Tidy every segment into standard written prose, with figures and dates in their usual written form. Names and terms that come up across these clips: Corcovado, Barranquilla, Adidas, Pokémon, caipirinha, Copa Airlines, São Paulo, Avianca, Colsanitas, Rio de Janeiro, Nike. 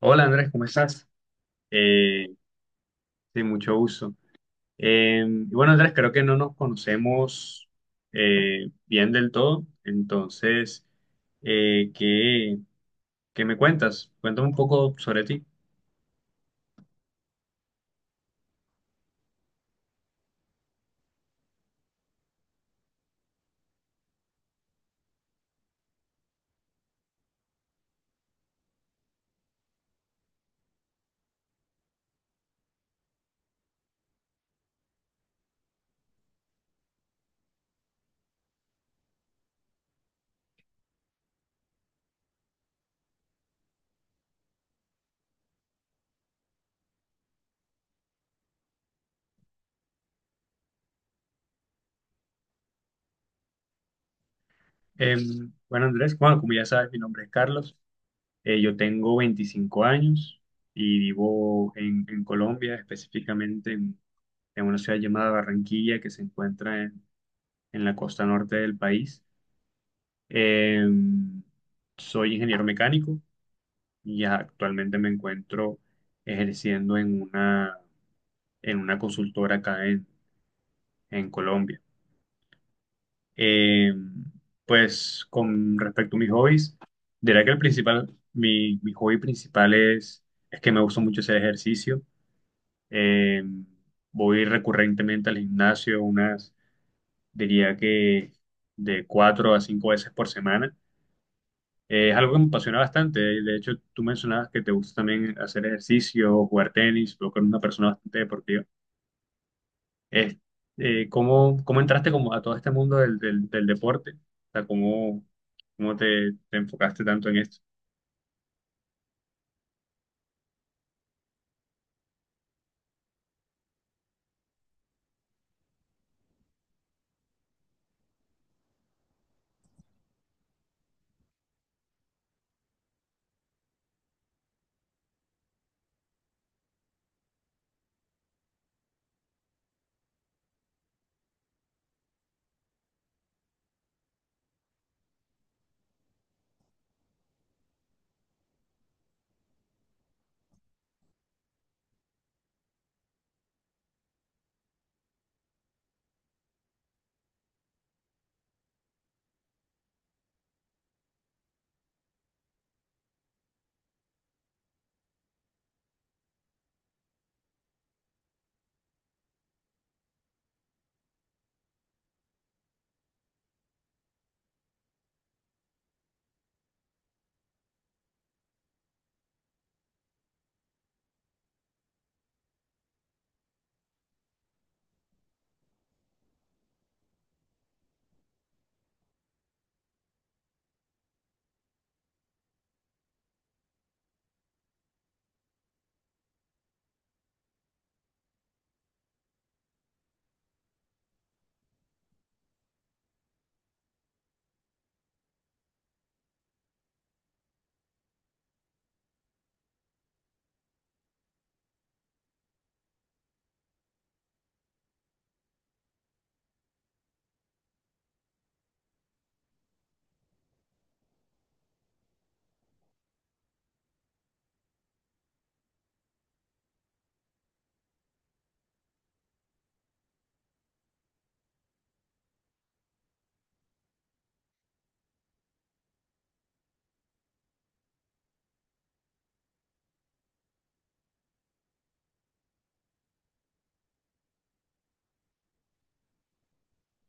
Hola Andrés, ¿cómo estás? Eh, sí, mucho gusto. Y bueno Andrés, creo que no nos conocemos bien del todo, entonces, eh, ¿qué, qué me cuentas? Cuéntame un poco sobre ti. Eh, bueno Andrés, bueno, como ya sabes, mi nombre es Carlos. Yo tengo 25 años y vivo en Colombia, específicamente en una ciudad llamada Barranquilla que se encuentra en la costa norte del país. Eh, Soy ingeniero mecánico y actualmente me encuentro ejerciendo en una consultora acá en Colombia. Eh, pues con respecto a mis hobbies, diría que el principal, mi hobby principal es que me gusta mucho hacer ejercicio. Eh, Voy recurrentemente al gimnasio unas, diría que de 4 a 5 veces por semana. Es algo que me apasiona bastante. De hecho, tú mencionabas que te gusta también hacer ejercicio, jugar tenis, tú que eres una persona bastante deportiva. Es ¿cómo, cómo entraste como a todo este mundo del deporte? O sea, ¿cómo, cómo te, te enfocaste tanto en esto?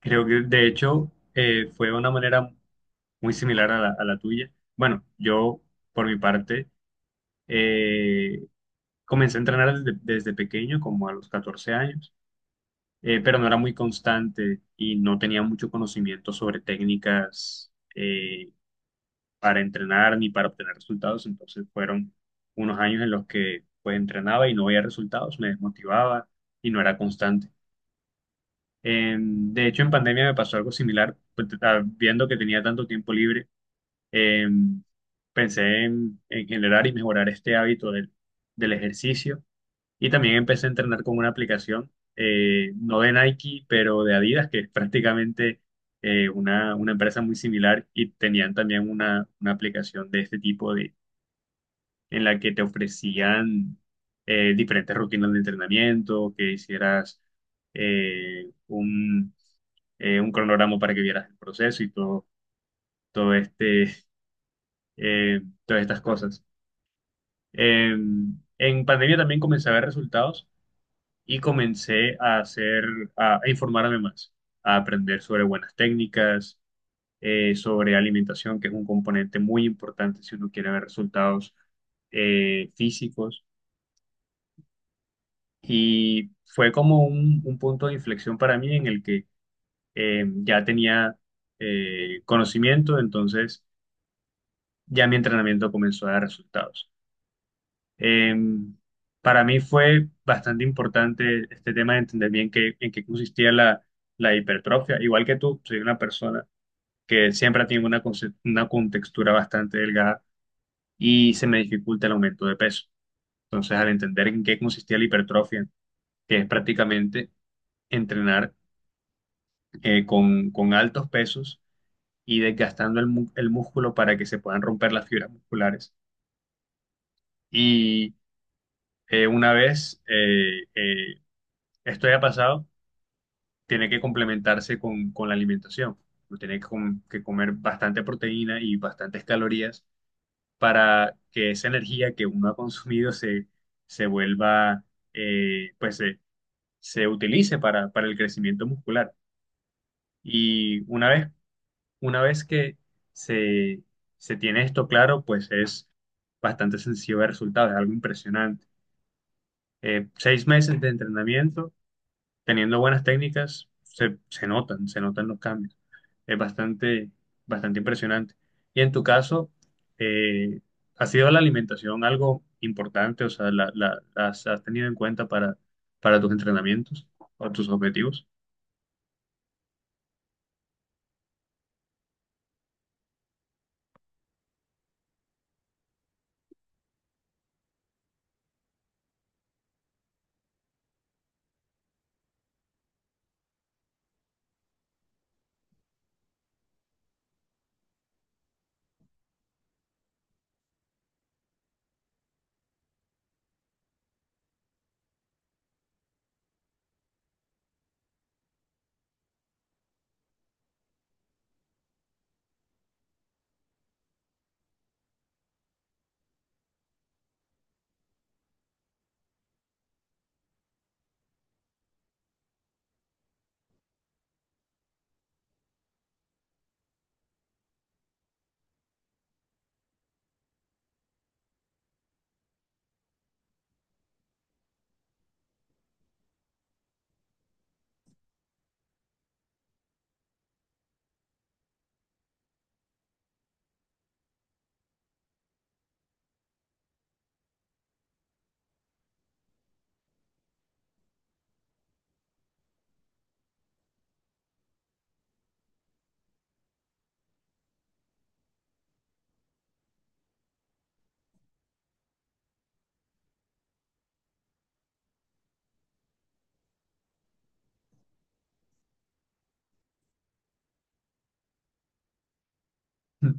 Creo que, de hecho, fue una manera muy similar a la tuya. Bueno, yo, por mi parte, eh, comencé a entrenar desde, desde pequeño, como a los 14 años. Pero no era muy constante y no tenía mucho conocimiento sobre técnicas para entrenar ni para obtener resultados. Entonces fueron unos años en los que pues entrenaba y no veía resultados, me desmotivaba y no era constante. En- de hecho, en pandemia me pasó algo similar, pues, viendo que tenía tanto tiempo libre, em, pensé en generar y mejorar este hábito del ejercicio y también empecé a entrenar con una aplicación, no de Nike, pero de Adidas, que es prácticamente una empresa muy similar y tenían también una aplicación de este tipo de, en la que te ofrecían diferentes rutinas de entrenamiento, que hicieras eh, un, un cronograma para que vieras el proceso y todo, todo este, todas estas cosas. Eh, en pandemia también comencé a ver resultados y comencé a hacer, a informarme más, a aprender sobre buenas técnicas, sobre alimentación, que es un componente muy importante si uno quiere ver resultados físicos. Y fue como un punto de inflexión para mí en el que ya tenía conocimiento, entonces ya mi entrenamiento comenzó a dar resultados. Eh, para mí fue bastante importante este tema de entender bien qué, en qué consistía la, la hipertrofia. Igual que tú, soy una persona que siempre ha tenido una, una contextura bastante delgada y se me dificulta el aumento de peso. Entonces, al entender en qué consistía la hipertrofia, que es prácticamente entrenar con con altos pesos y desgastando el, el músculo para que se puedan romper las fibras musculares. Y una vez esto haya pasado, tiene que complementarse con la alimentación. Uno tiene que comer bastante proteína y bastantes calorías para que esa energía que uno ha consumido se, se vuelva, eh, pues se, se utilice para el crecimiento muscular. Y una vez que se, se tiene esto claro, pues es bastante sencillo ver resultados, es algo impresionante. 6 meses de entrenamiento, teniendo buenas técnicas, se, se notan los cambios. Es bastante, bastante impresionante. Y en tu caso, eh, ¿ha sido la alimentación algo importante? O sea, ¿la, las has tenido en cuenta para tus entrenamientos o tus objetivos?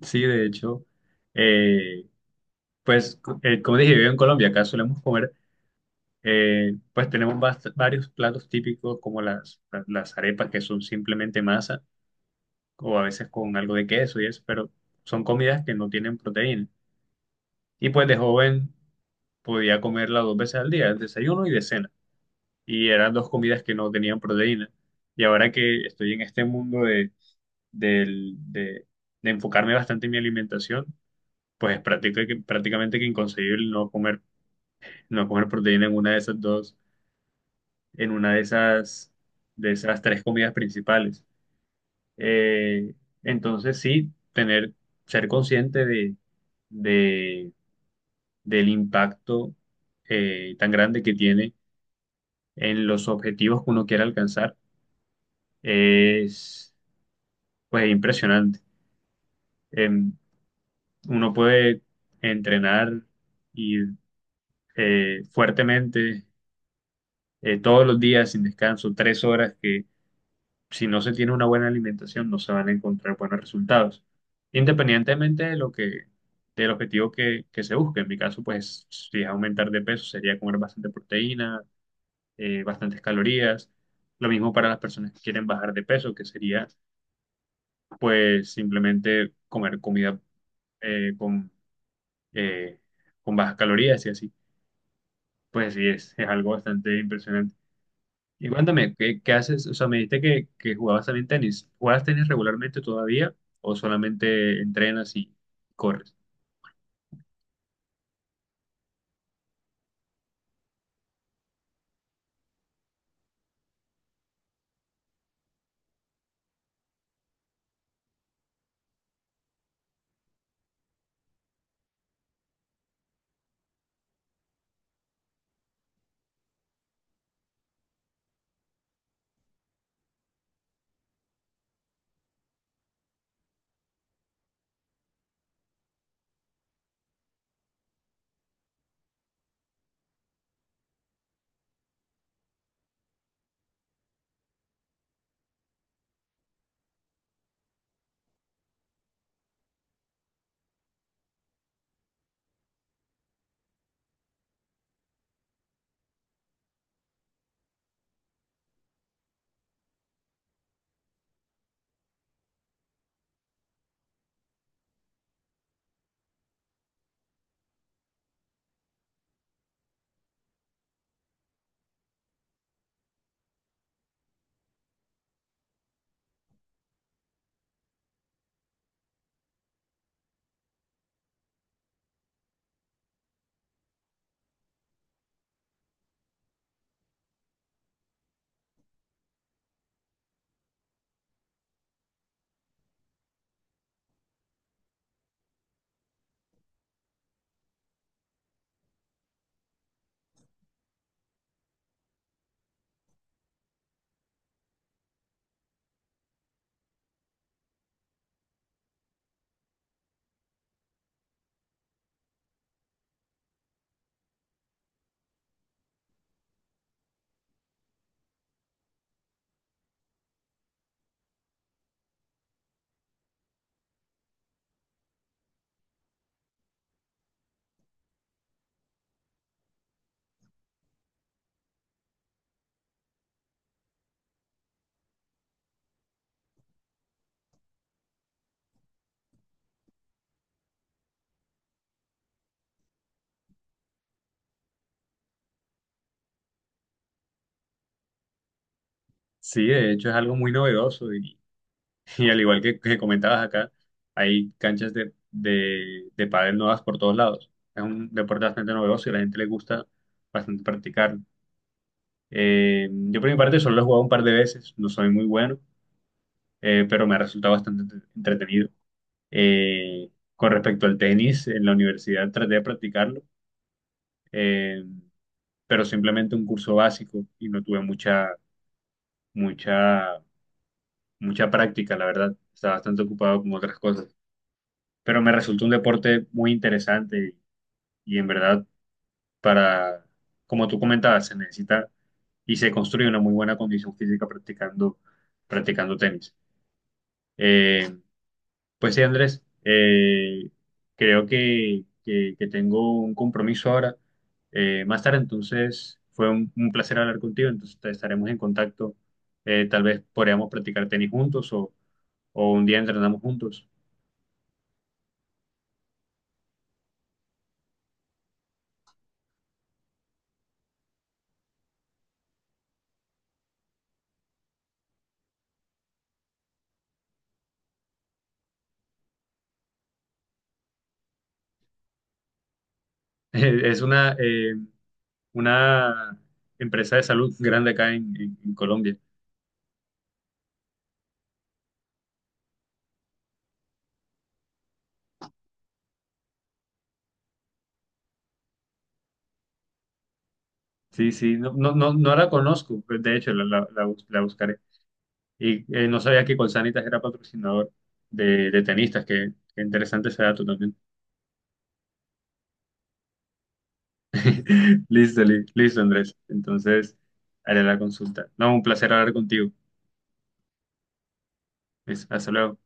Sí, de hecho, eh, como dije, vivo en Colombia, acá solemos comer, pues tenemos varios platos típicos como las, las arepas que son simplemente masa o a veces con algo de queso y eso, pero son comidas que no tienen proteína. Y pues de joven podía comerla 2 veces al día, el desayuno y de cena. Y eran dos comidas que no tenían proteína. Y ahora que estoy en este mundo de, del- de, de enfocarme bastante en mi alimentación, pues es prácticamente que inconcebible no comer, no comer proteína en una de esas dos, en una de esas tres comidas principales. Eh, entonces sí, tener, ser consciente de, del impacto tan grande que tiene en los objetivos que uno quiere alcanzar es pues impresionante. Em, Uno puede entrenar y fuertemente todos los días sin descanso, 3 horas, que si no se tiene una buena alimentación no se van a encontrar buenos resultados, independientemente de lo que del objetivo que se busque. En mi caso, pues si es aumentar de peso sería comer bastante proteína, bastantes calorías. Lo mismo para las personas que quieren bajar de peso, que sería pues simplemente comer comida eh, con, eh, con bajas calorías y así. Pues sí, es algo bastante impresionante. Y cuéntame, ¿qué, qué haces? O sea, me dijiste que jugabas también tenis. ¿Juegas tenis regularmente todavía o solamente entrenas y corres? Sí, de hecho es algo muy novedoso y al igual que comentabas acá, hay canchas de pádel nuevas por todos lados. Es un deporte bastante novedoso y a la gente le gusta bastante practicarlo. Yo por mi parte solo lo he jugado un par de veces, no soy muy bueno, pero me ha resultado bastante entretenido. Eh, con respecto al tenis, en la universidad traté de practicarlo, eh, pero simplemente un curso básico y no tuve mucha, mucha, mucha práctica, la verdad. Estaba bastante ocupado con otras cosas, pero me resultó un deporte muy interesante y, en verdad para, como tú comentabas, se necesita y se construye una muy buena condición física practicando, practicando tenis. Eh, pues sí, Andrés, creo que, que tengo un compromiso ahora más tarde, entonces fue un placer hablar contigo, entonces estaremos en contacto. Tal vez podríamos practicar tenis juntos o un día entrenamos juntos. Es una empresa de salud grande acá en, en Colombia. Sí, sí, no, no, no, no la conozco, de hecho la, la, la buscaré. Y no sabía que Colsanitas era patrocinador de tenistas, que interesante ese dato también. Listo, listo, Andrés. Entonces, haré la consulta. No, un placer hablar contigo. Es- Hasta luego.